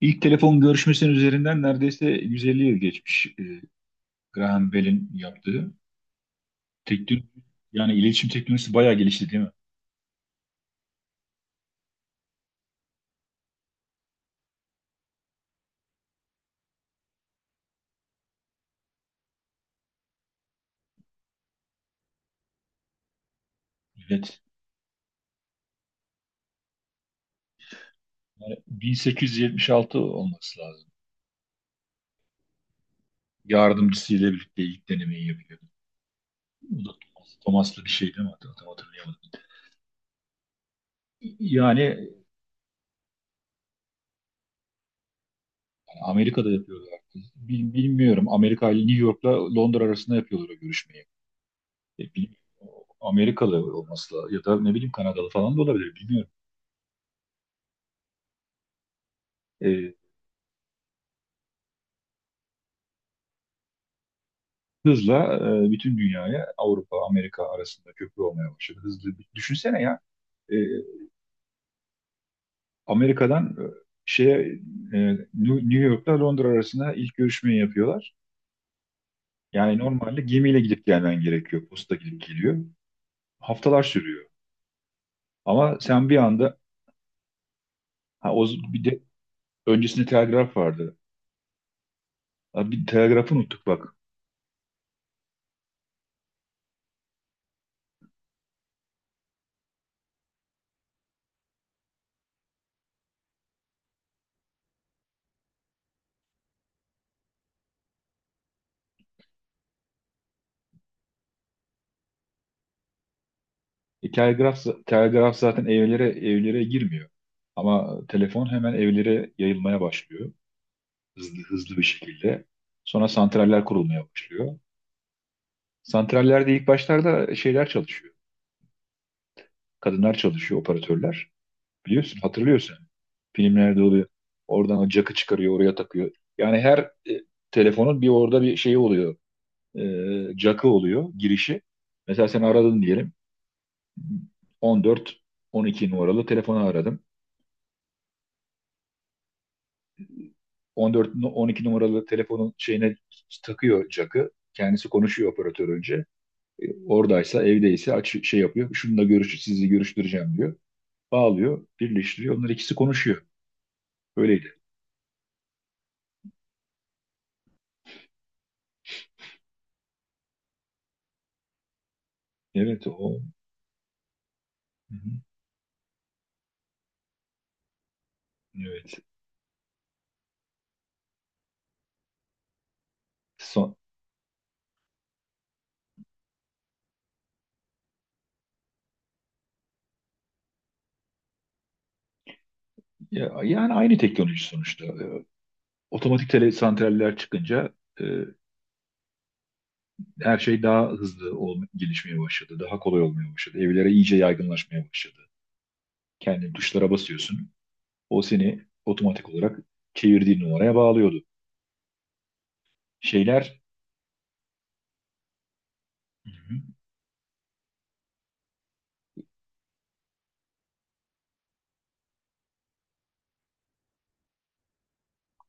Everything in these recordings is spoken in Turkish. İlk telefon görüşmesinin üzerinden neredeyse 150 yıl geçmiş, Graham Bell'in yaptığı. Teknoloji, yani iletişim teknolojisi bayağı gelişti, değil mi? Evet. Yani 1876 olması lazım. Yardımcısıyla birlikte ilk denemeyi yapıyor. Bu da Thomas'lı bir şey değil mi? Tam hatırlayamadım. Yani Amerika'da yapıyorlar. Bilmiyorum. Amerika ile New York'la Londra arasında yapıyorlar o görüşmeyi. Bilmiyorum. Amerikalı olması lazım. Ya da ne bileyim, Kanadalı falan da olabilir. Bilmiyorum. E, hızla bütün dünyaya, Avrupa, Amerika arasında köprü olmaya başladı. Hızlı, düşünsene ya. e, Amerika'dan, şeye, e, New York'ta Londra arasında ilk görüşmeyi yapıyorlar. Yani normalde gemiyle gidip gelmen gerekiyor. Posta gidip geliyor. Haftalar sürüyor. Ama sen bir anda ha, o, bir de öncesinde telgraf vardı. Ha, bir telgrafı unuttuk bak. E, telgraf, telgraf zaten evlere girmiyor. Ama telefon hemen evlere yayılmaya başlıyor. Hızlı hızlı bir şekilde. Sonra santraller kurulmaya başlıyor. Santrallerde ilk başlarda şeyler çalışıyor. Kadınlar çalışıyor, operatörler. Biliyorsun, hatırlıyorsun. Filmlerde oluyor. Oradan o jack'ı çıkarıyor, oraya takıyor. Yani her e, telefonun bir orada bir şeyi oluyor. E, jack'ı oluyor, girişi. Mesela sen aradın diyelim. 14 12 numaralı telefonu aradım. 12 numaralı telefonun şeyine takıyor jack'ı. Kendisi konuşuyor operatör önce. E, oradaysa, evdeyse aç, şey yapıyor. Şununla görüş, sizi görüştüreceğim diyor. Bağlıyor, birleştiriyor. Onlar ikisi konuşuyor. Öyleydi. Evet, o. Hı hı. Evet. Son, ya, yani aynı teknoloji sonuçta. Otomatik tele santraller çıkınca e, her şey daha hızlı gelişmeye başladı. Daha kolay olmaya başladı. Evlere iyice yaygınlaşmaya başladı. Kendi tuşlara basıyorsun. O seni otomatik olarak çevirdiğin numaraya bağlıyordu. Şeyler. Hı hı.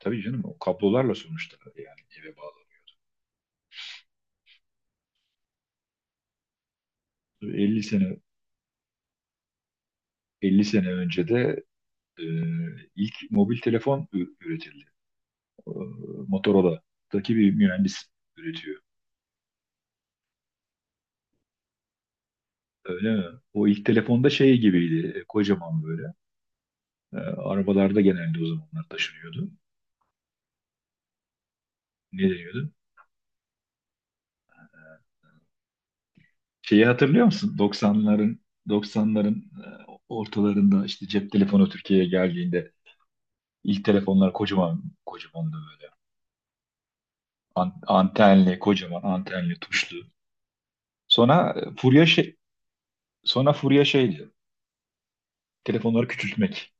Tabii canım, o kablolarla sonuçta, yani eve bağlı. 50 sene 50 sene önce de e, ilk mobil telefon üretildi. E, Motorola'daki bir mühendis üretiyor. Öyle mi? O ilk telefonda şey gibiydi, kocaman böyle. E, arabalarda genelde o zamanlar taşınıyordu. Ne deniyordu? Şeyi hatırlıyor musun? 90'ların ortalarında işte cep telefonu Türkiye'ye geldiğinde ilk telefonlar kocaman kocamandı böyle. Antenli, kocaman antenli, tuşlu. Sonra e, furya şey, sonra furya şeydi. Telefonları küçültmek.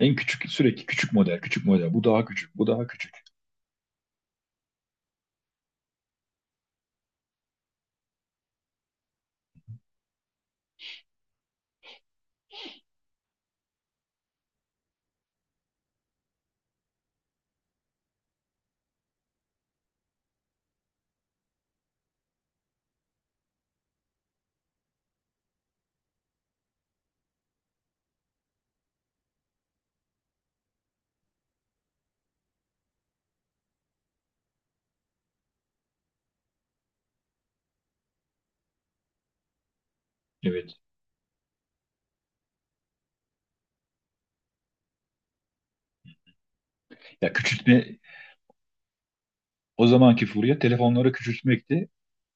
En küçük, sürekli küçük model, küçük model. Bu daha küçük, bu daha küçük. Evet. Ya, küçültme, o zamanki furya telefonları küçültmekti.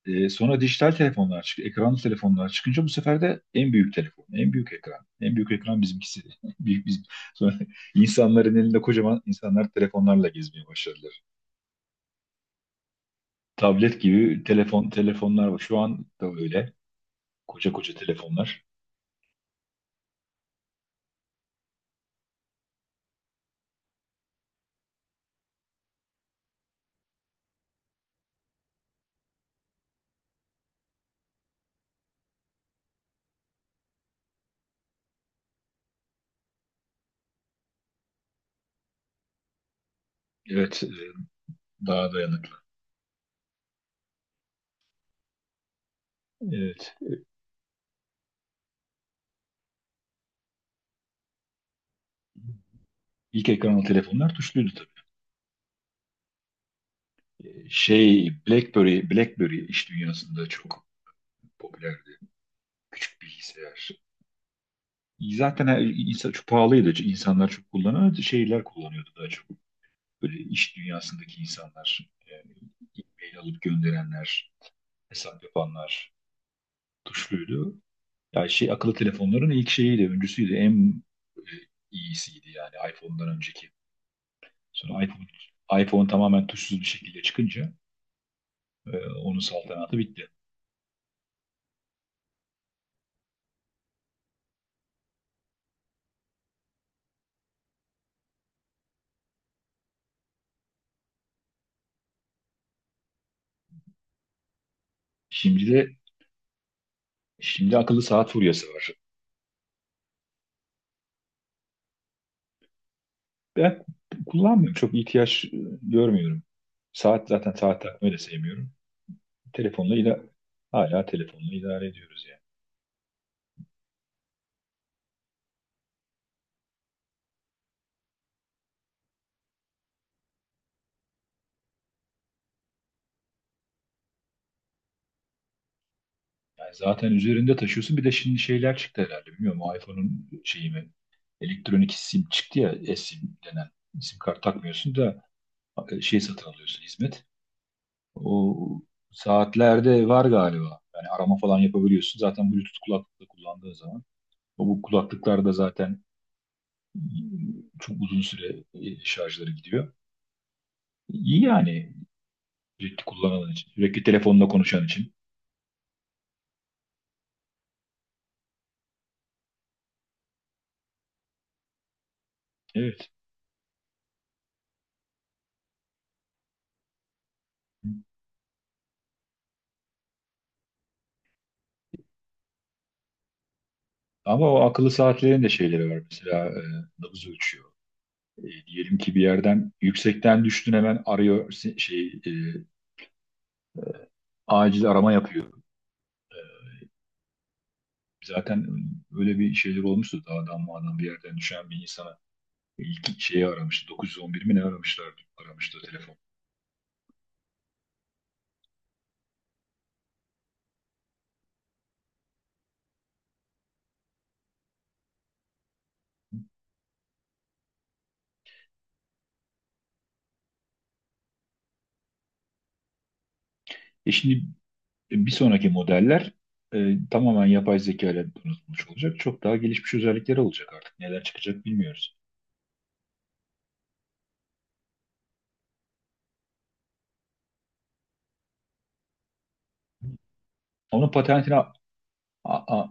Sonra dijital telefonlar çıktı, ekranlı telefonlar çıkınca bu sefer de en büyük telefon, en büyük ekran, en büyük ekran bizimkisi. Büyük biz sonra insanların elinde kocaman, insanlar telefonlarla gezmeye başladılar. Tablet gibi telefonlar var. Şu an da öyle. Koca koca telefonlar. Evet, daha dayanıklı. Evet. İlk ekranlı telefonlar tuşluydu. BlackBerry, BlackBerry iş dünyasında çok popülerdi. Küçük bilgisayar. Zaten her, insan çok pahalıydı. İnsanlar çok kullanıyordu. Şeyler kullanıyordu daha çok. Böyle iş dünyasındaki insanlar, yani e-mail alıp gönderenler, hesap yapanlar tuşluydu. Yani şey, akıllı telefonların ilk şeyiydi, öncüsüydü. En e, iyisiydi yani, iPhone'dan önceki. Sonra iPhone, iPhone tamamen tuşsuz bir şekilde çıkınca onun saltanatı bitti. Şimdi de Şimdi akıllı saat furyası var. Ben kullanmıyorum. Çok ihtiyaç görmüyorum. Saat, zaten saat takmayı da sevmiyorum. Telefonla ila hala telefonla idare ediyoruz yani. Yani zaten üzerinde taşıyorsun. Bir de şimdi şeyler çıktı herhalde. Bilmiyorum, o iPhone'un şeyi mi? Elektronik sim çıktı ya. eSIM denen. Sim kart takmıyorsun da şey satın alıyorsun, hizmet. O saatlerde var galiba. Yani arama falan yapabiliyorsun. Zaten Bluetooth kulaklıkla kullandığın zaman. O, bu kulaklıklarda zaten çok uzun süre şarjları gidiyor. İyi yani, sürekli kullanan için, sürekli telefonla konuşan için. Evet. Ama o akıllı saatlerin de şeyleri var. Mesela nabız ölçüyor. E, diyelim ki bir yerden yüksekten düştün, hemen arıyor, acil arama yapıyor. Zaten öyle bir şeyler olmuştu. Dağdan mağdan bir yerden düşen bir insana ilk şeyi aramıştı. 911 mi ne aramışlardı? Aramıştı o telefon. E, şimdi bir sonraki modeller tamamen yapay zeka ile donatılmış olacak. Çok daha gelişmiş özellikleri olacak artık. Neler çıkacak bilmiyoruz. Onun patentini a-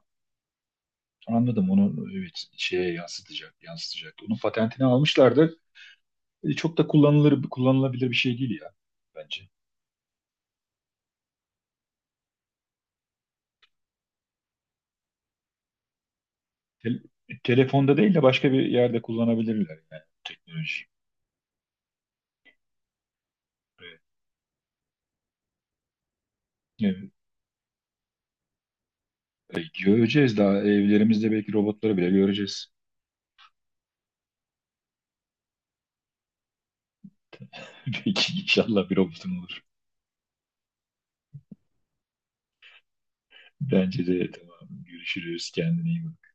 anladım. Onu, evet, yansıtacak. Onun patentini almışlardı. E, çok da kullanılabilir bir şey değil ya, bence. Tel- Telefonda değil de başka bir yerde kullanabilirler, yani teknoloji. Evet. Evet. E, göreceğiz, daha evlerimizde belki robotları bile göreceğiz. Belki inşallah bir robotun olur. Bence de tamam. Görüşürüz. Kendine iyi bak.